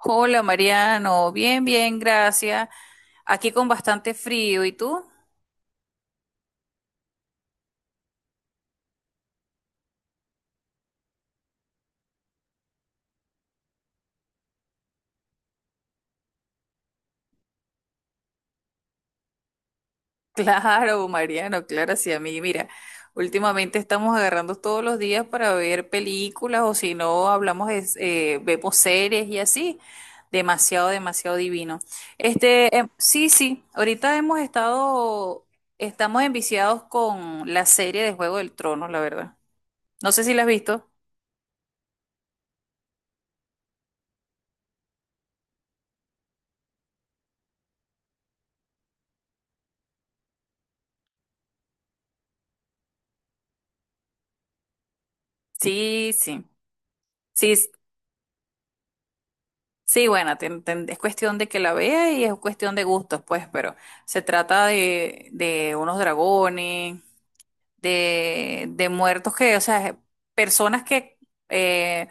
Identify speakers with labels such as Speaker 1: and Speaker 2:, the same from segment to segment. Speaker 1: Hola Mariano, bien, bien, gracias. Aquí con bastante frío, ¿y tú? Claro, Mariano, claro, sí, a mí. Mira, últimamente estamos agarrando todos los días para ver películas o si no hablamos, vemos series y así. Demasiado, demasiado divino. Sí, sí, ahorita hemos estado, estamos enviciados con la serie de Juego del Trono, la verdad. No sé si la has visto. Sí, sí. Sí, sí, bueno, es cuestión de que la vea y es cuestión de gustos, pues, pero se trata de unos dragones, de muertos que, o sea, personas que eh,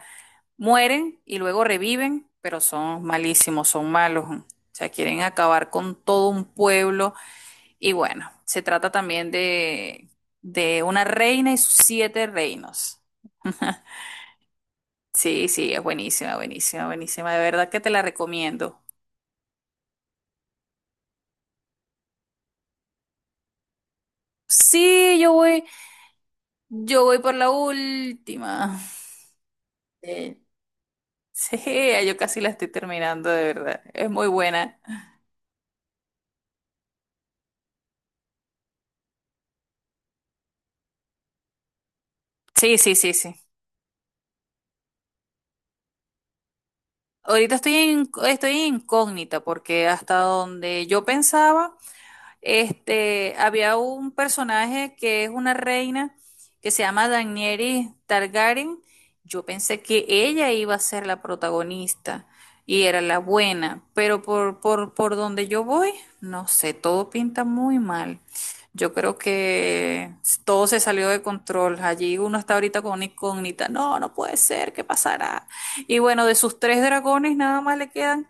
Speaker 1: mueren y luego reviven, pero son malísimos, son malos. O sea, quieren acabar con todo un pueblo. Y bueno, se trata también de una reina y sus siete reinos. Sí, sí, es buenísima, buenísima, buenísima. De verdad que te la recomiendo. Sí, yo voy. Yo voy por la última. Sí. Sí, yo casi la estoy terminando, de verdad. Es muy buena. Sí, sí, sí, sí. Ahorita estoy estoy incógnita porque hasta donde yo pensaba. Este, había un personaje que es una reina que se llama Daenerys Targaryen. Yo pensé que ella iba a ser la protagonista y era la buena, pero por donde yo voy, no sé, todo pinta muy mal. Yo creo que todo se salió de control. Allí uno está ahorita con una incógnita. No, no puede ser, ¿qué pasará? Y bueno, de sus tres dragones nada más le quedan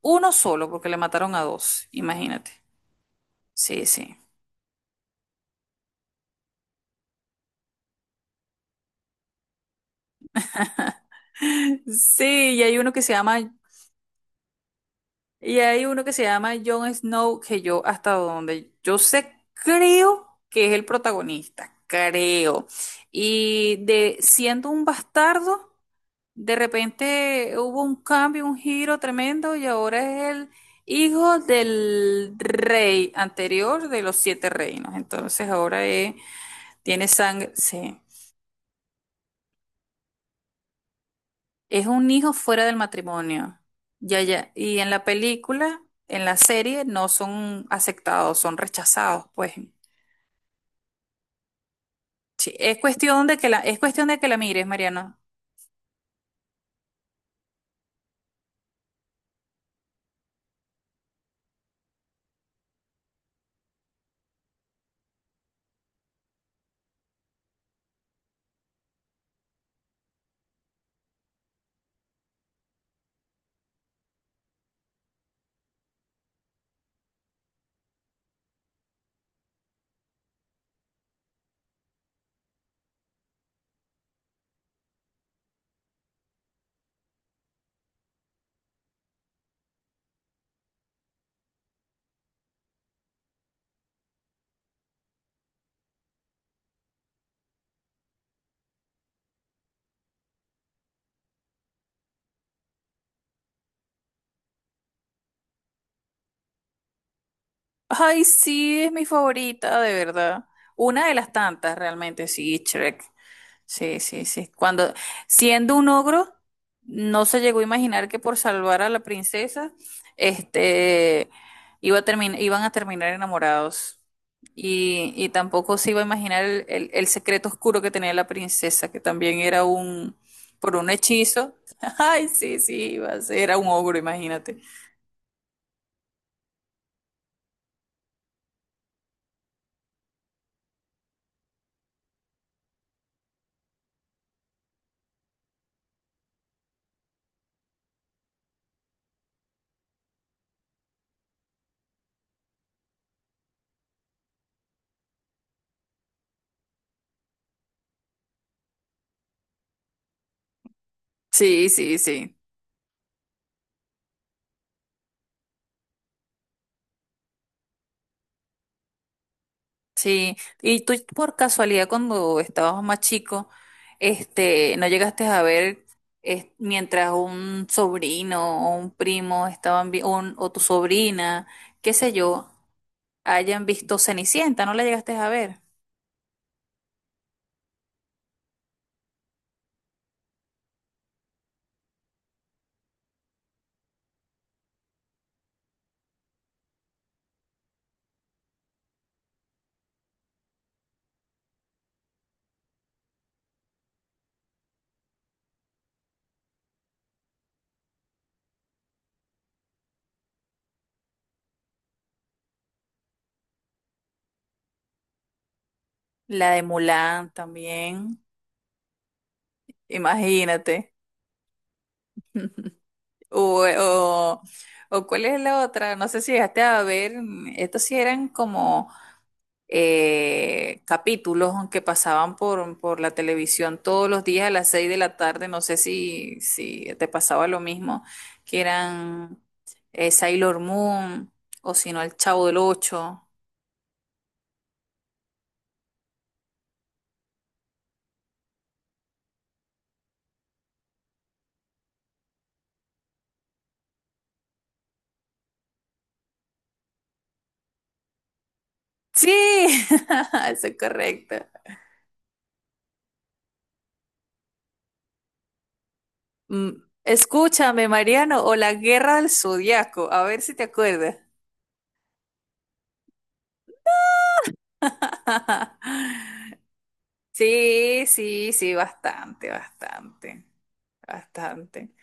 Speaker 1: uno solo porque le mataron a dos, imagínate. Sí, sí. Sí, y hay uno que se llama Jon Snow, que yo hasta donde yo sé, creo que es el protagonista, creo. Y de siendo un bastardo, de repente hubo un cambio, un giro tremendo, y ahora es el hijo del rey anterior de los siete reinos. Entonces ahora tiene sangre, sí. Es un hijo fuera del matrimonio. Ya, ya. Y en la película, en la serie, no son aceptados, son rechazados, pues. Sí, es cuestión de que la, es cuestión de que la mires, Mariano. Ay, sí, es mi favorita, de verdad. Una de las tantas, realmente, sí, Shrek. Sí, sí, sí. Cuando, siendo un ogro, no se llegó a imaginar que por salvar a la princesa, este, iban a terminar enamorados. Y tampoco se iba a imaginar el secreto oscuro que tenía la princesa, que también era un, por un hechizo. Ay, sí, sí, iba a ser, era un ogro, imagínate. Sí, sí, sí. Sí, y tú por casualidad cuando estabas más chico, no llegaste a ver mientras un sobrino o un primo estaban o tu sobrina, qué sé yo, hayan visto Cenicienta, ¿no la llegaste a ver? La de Mulan también, imagínate. O, o, o cuál es la otra, no sé si llegaste a ver, estos sí eran como capítulos que pasaban por la televisión todos los días a las 6 de la tarde. No sé si, si te pasaba lo mismo, que eran Sailor Moon o si no, El Chavo del Ocho. Sí, eso es correcto. Mm, Escúchame, Mariano, o La Guerra del Zodiaco, a ver si te acuerdas. Sí, sí, sí, bastante, bastante, bastante.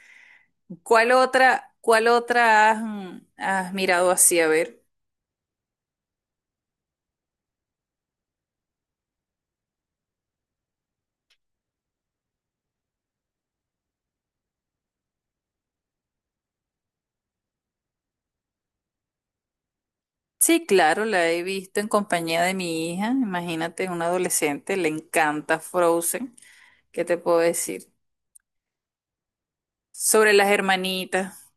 Speaker 1: Cuál otra has, has mirado así? A ver. Sí, claro, la he visto en compañía de mi hija. Imagínate, un adolescente, le encanta Frozen. ¿Qué te puedo decir? Sobre las hermanitas.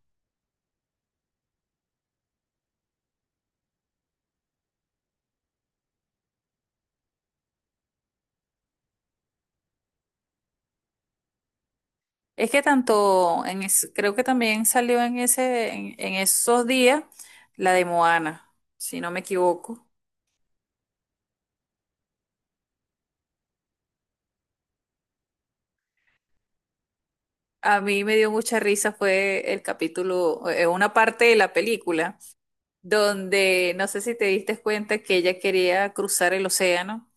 Speaker 1: Es que tanto, creo que también salió en en esos días la de Moana, si no me equivoco. A mí me dio mucha risa, fue el capítulo, una parte de la película donde no sé si te diste cuenta que ella quería cruzar el océano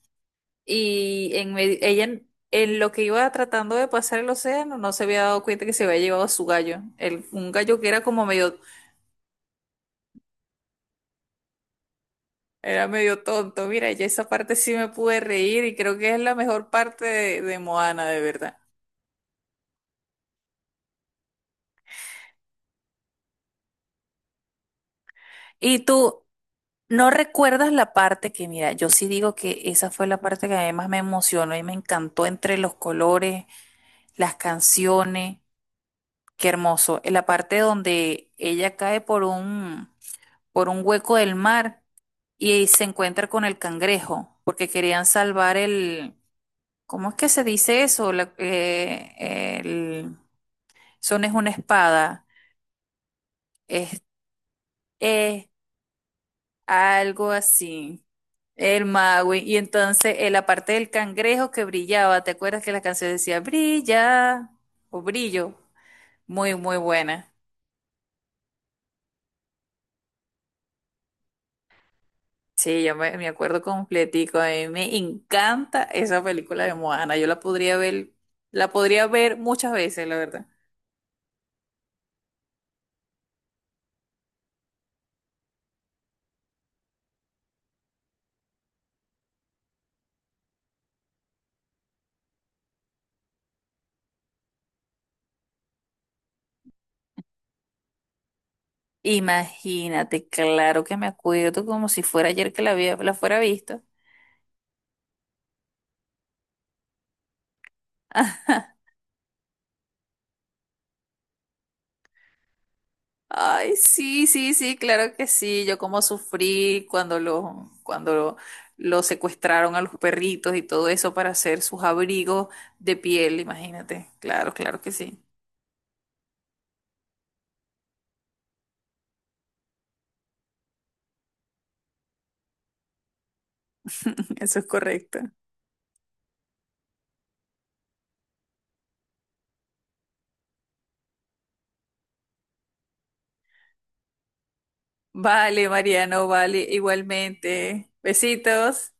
Speaker 1: y ella en lo que iba tratando de pasar el océano no se había dado cuenta que se había llevado a su gallo, un gallo que era como medio era medio tonto. Mira, ya esa parte sí me pude reír y creo que es la mejor parte de Moana, de verdad. Y tú no recuerdas la parte que, mira, yo sí digo que esa fue la parte que además me emocionó y me encantó entre los colores, las canciones. Qué hermoso. En la parte donde ella cae por un hueco del mar y se encuentra con el cangrejo, porque querían salvar el, ¿cómo es que se dice eso? El, son es una espada, es, es algo así. El mago. Y entonces en la parte del cangrejo que brillaba, ¿te acuerdas que la canción decía brilla o brillo? Muy, muy buena. Sí, yo me acuerdo completico. A mí me encanta esa película de Moana. Yo la podría ver muchas veces, la verdad. Imagínate, claro que me acuerdo como si fuera ayer que la había, la fuera visto. Ay, sí, sí, sí, claro que sí. Yo como sufrí cuando los, cuando lo- los secuestraron a los perritos y todo eso para hacer sus abrigos de piel, imagínate. Claro, claro que sí. Eso es correcto. Vale, Mariano, vale, igualmente. Besitos.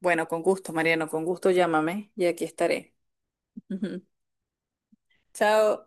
Speaker 1: Bueno, con gusto, Mariano, con gusto llámame y aquí estaré. Chao.